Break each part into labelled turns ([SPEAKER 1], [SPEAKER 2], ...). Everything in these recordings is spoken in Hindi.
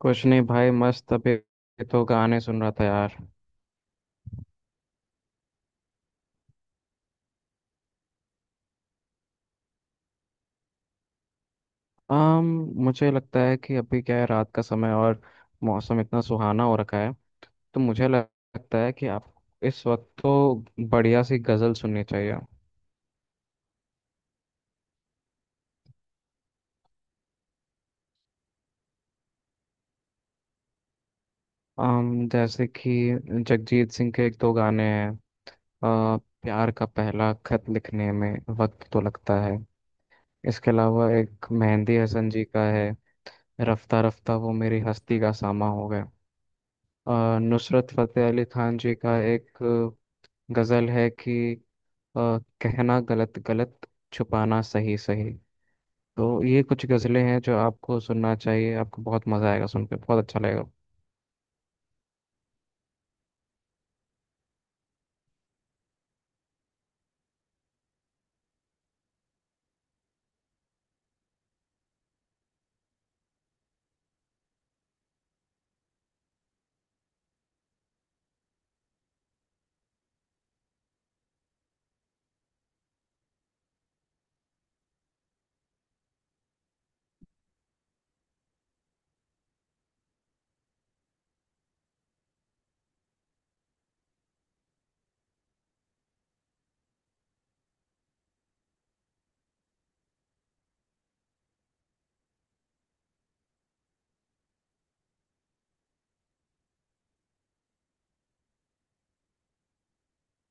[SPEAKER 1] कुछ नहीं भाई, मस्त अभी तो गाने सुन रहा था यार। आम मुझे लगता है कि अभी क्या है, रात का समय और मौसम इतना सुहाना हो रखा है, तो मुझे लगता है कि आप इस वक्त तो बढ़िया सी गजल सुननी चाहिए। आम जैसे कि जगजीत सिंह के एक दो गाने हैं। आ, प्यार का पहला खत लिखने में वक्त तो लगता है। इसके अलावा एक मेहंदी हसन जी का है, रफ्ता रफ्ता वो मेरी हस्ती का सामा हो गए। अ, नुसरत फतेह अली खान जी का एक गज़ल है कि अ, कहना गलत गलत, छुपाना सही सही। तो ये कुछ गज़लें हैं जो आपको सुनना चाहिए, आपको बहुत मज़ा आएगा सुन के, बहुत अच्छा लगेगा।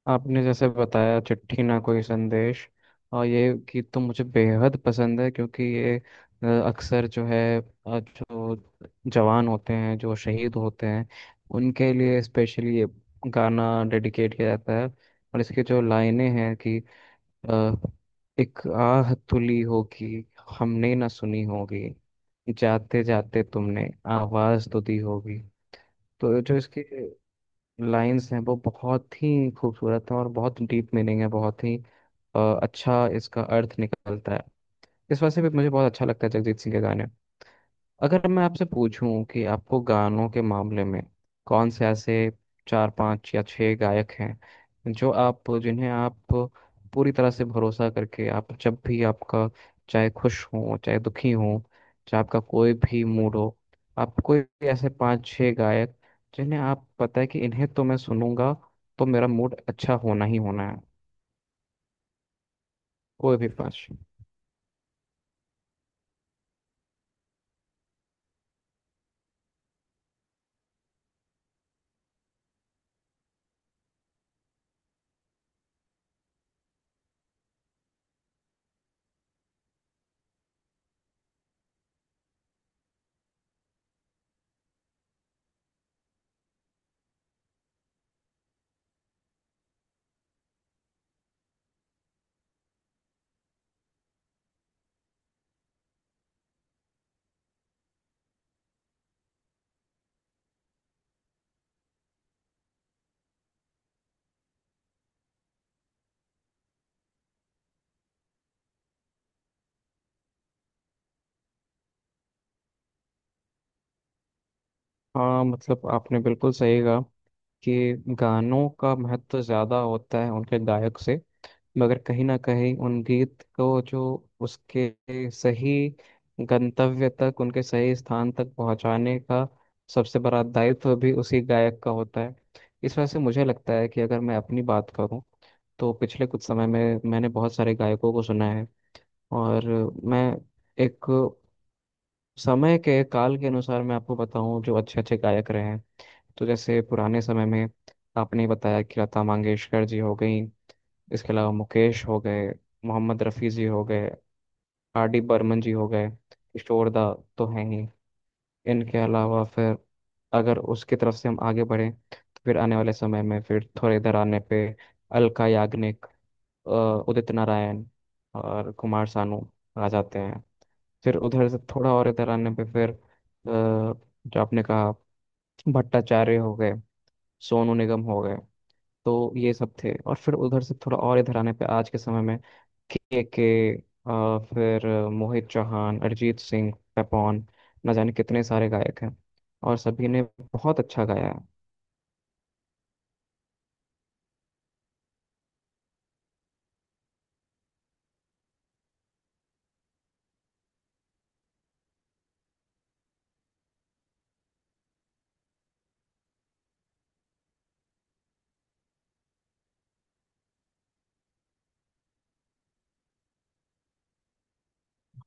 [SPEAKER 1] आपने जैसे बताया चिट्ठी ना कोई संदेश, और ये गीत तो मुझे बेहद पसंद है क्योंकि ये अक्सर जो है जो जवान होते हैं जो शहीद होते हैं, उनके लिए स्पेशली ये गाना डेडिकेट किया जाता है। और इसकी जो लाइनें हैं कि अ, एक आह तुली होगी, हमने ना सुनी होगी, जाते जाते तुमने आवाज तो दी होगी। तो जो इसके लाइंस हैं वो बहुत ही खूबसूरत हैं, और बहुत डीप मीनिंग है, बहुत ही अच्छा इसका अर्थ निकलता है। इस वजह से भी मुझे बहुत अच्छा लगता है जगजीत सिंह के गाने। अगर मैं आपसे पूछूं कि आपको गानों के मामले में कौन से ऐसे चार पांच या छह गायक हैं जो आप, जिन्हें आप पूरी तरह से भरोसा करके, आप जब भी आपका, चाहे खुश हो चाहे दुखी हो, चाहे आपका कोई भी मूड हो, आप कोई भी ऐसे पांच छह गायक जिन्हें आप पता है कि इन्हें तो मैं सुनूंगा तो मेरा मूड अच्छा होना ही होना है। कोई भी पांच। हाँ, मतलब आपने बिल्कुल सही कहा कि गानों का महत्व ज़्यादा होता है उनके गायक से, मगर कहीं ना कहीं उन गीत को जो उसके सही गंतव्य तक, उनके सही स्थान तक पहुंचाने का सबसे बड़ा दायित्व भी उसी गायक का होता है। इस वजह से मुझे लगता है कि अगर मैं अपनी बात करूं, तो पिछले कुछ समय में मैंने बहुत सारे गायकों को सुना है, और मैं एक समय के काल के अनुसार मैं आपको बताऊं जो अच्छे अच्छे गायक रहे हैं। तो जैसे पुराने समय में आपने बताया कि लता मंगेशकर जी हो गई, इसके अलावा मुकेश हो गए, मोहम्मद रफ़ी जी हो गए, आरडी बर्मन जी हो गए, किशोर दा तो हैं ही। इनके अलावा फिर अगर उसकी तरफ से हम आगे बढ़ें तो फिर आने वाले समय में, फिर थोड़े इधर आने पे अलका याग्निक, अ, उदित नारायण और कुमार सानू आ जाते हैं। फिर उधर से थोड़ा और इधर आने पे फिर जो आपने कहा, भट्टाचार्य हो गए, सोनू निगम हो गए। तो ये सब थे। और फिर उधर से थोड़ा और इधर आने पे आज के समय में के, फिर मोहित चौहान, अरिजीत सिंह, पेपॉन, न जाने कितने सारे गायक हैं और सभी ने बहुत अच्छा गाया है।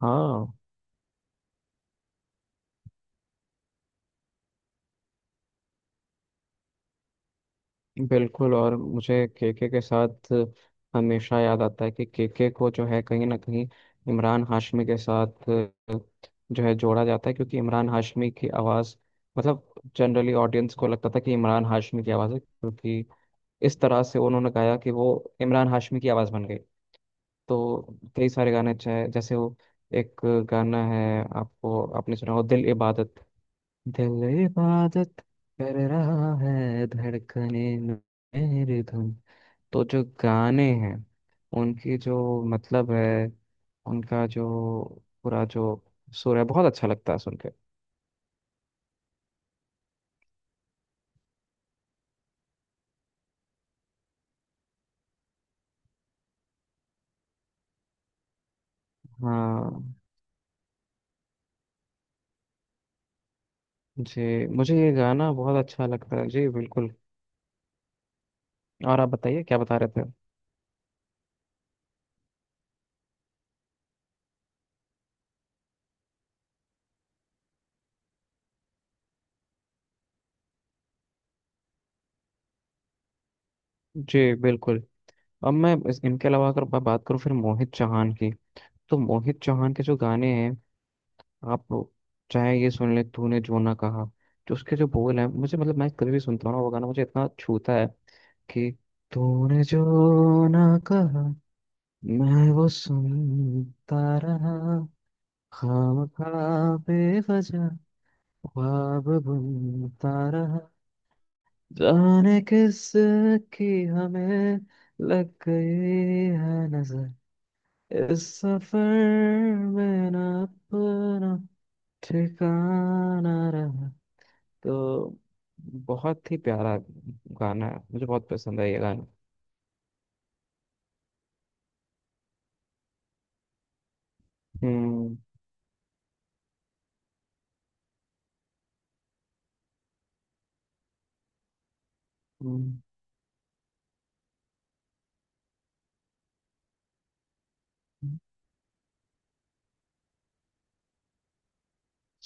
[SPEAKER 1] हाँ, बिल्कुल। और मुझे केके के साथ हमेशा याद आता है कि केके को जो है कहीं ना कहीं इमरान हाशमी के साथ जो है जोड़ा जाता है, क्योंकि इमरान हाशमी की आवाज़, मतलब जनरली ऑडियंस को लगता था कि इमरान हाशमी की आवाज़ है, क्योंकि इस तरह से उन्होंने गाया कि वो इमरान हाशमी की आवाज़ बन गई। तो कई सारे गाने अच्छे हैं, जैसे वो एक गाना है, आपको आपने सुना हो दिल इबादत, दिल इबादत कर रहा है धड़कने मेरे धुन। तो जो गाने हैं उनकी जो मतलब है, उनका जो पूरा जो सुर है, बहुत अच्छा लगता है सुन के। हाँ, जी मुझे ये गाना बहुत अच्छा लगता है जी, बिल्कुल। और आप बताइए क्या बता रहे थे। जी बिल्कुल। अब मैं इनके अलावा अगर मैं बात करूँ फिर मोहित चौहान की, तो मोहित चौहान के जो गाने हैं, आप चाहे ये सुन ले, तूने जो ना कहा, जो उसके जो बोल हैं मुझे, मतलब मैं कभी भी सुनता हूँ ना वो गाना, मुझे इतना छूता है कि तूने जो ना कहा, मैं वो सुनता रहा, खाम खा बेवजह ख्वाब बुनता रहा, जाने किस की हमें लग गई है नजर, इस सफर में ना अपना ठिकाना रहा। तो बहुत ही प्यारा गाना है, मुझे बहुत पसंद है ये गाना। हम्म। हम्म, हम्म।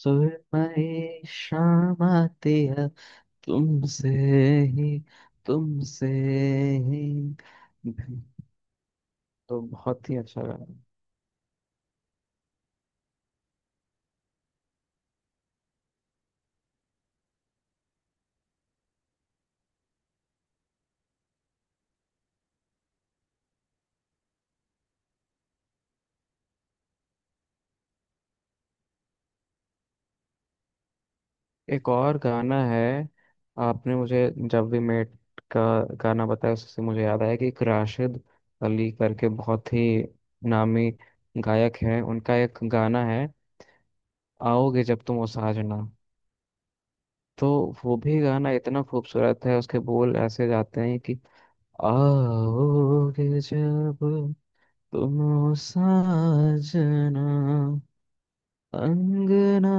[SPEAKER 1] सुरमई शाम आती है, तुमसे ही, तुमसे ही। तो बहुत ही अच्छा गाना है। एक और गाना है, आपने मुझे जब वी मेट का गाना बताया, उससे मुझे याद आया कि एक राशिद अली करके बहुत ही नामी गायक हैं, उनका एक गाना है आओगे जब तुम ओ साजना। तो वो भी गाना इतना खूबसूरत है, उसके बोल ऐसे जाते हैं कि आओगे जब तुम ओ साजना, अंगना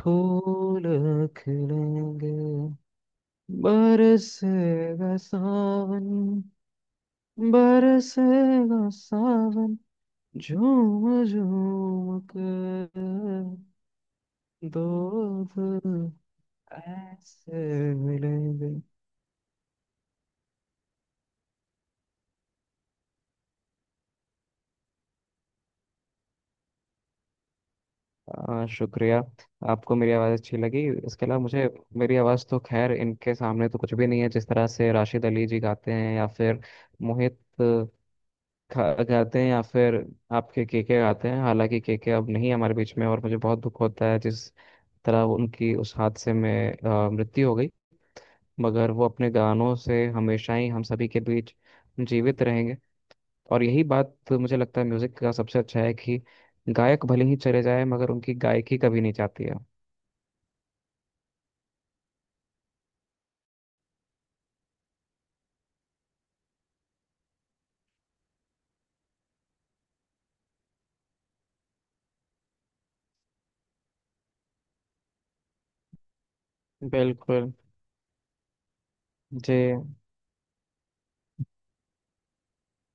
[SPEAKER 1] फूल खिलेंगे, बरसेगा सावन, बरसेगा सावन झूम झूम कर, दो दिल ऐसे मिलेंगे। शुक्रिया, आपको मेरी आवाज़ अच्छी लगी। इसके अलावा मुझे, मेरी आवाज़ तो खैर इनके सामने तो कुछ भी नहीं है, जिस तरह से राशिद अली जी गाते हैं, या फिर मोहित गाते हैं, या फिर आपके केके गाते हैं। हालांकि केके अब नहीं है हमारे बीच में, और मुझे बहुत दुख होता है जिस तरह उनकी उस हादसे में मृत्यु हो गई। मगर वो अपने गानों से हमेशा ही हम सभी के बीच जीवित रहेंगे। और यही बात मुझे लगता है म्यूजिक का सबसे अच्छा है कि गायक भले ही चले जाए, मगर उनकी गायकी कभी नहीं जाती है। बिल्कुल। जी।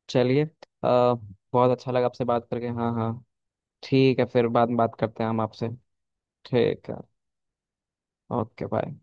[SPEAKER 1] चलिए, बहुत अच्छा लगा आपसे बात करके। हाँ हाँ। ठीक है, फिर बाद में बात करते हैं हम आपसे। ठीक है। Okay bye.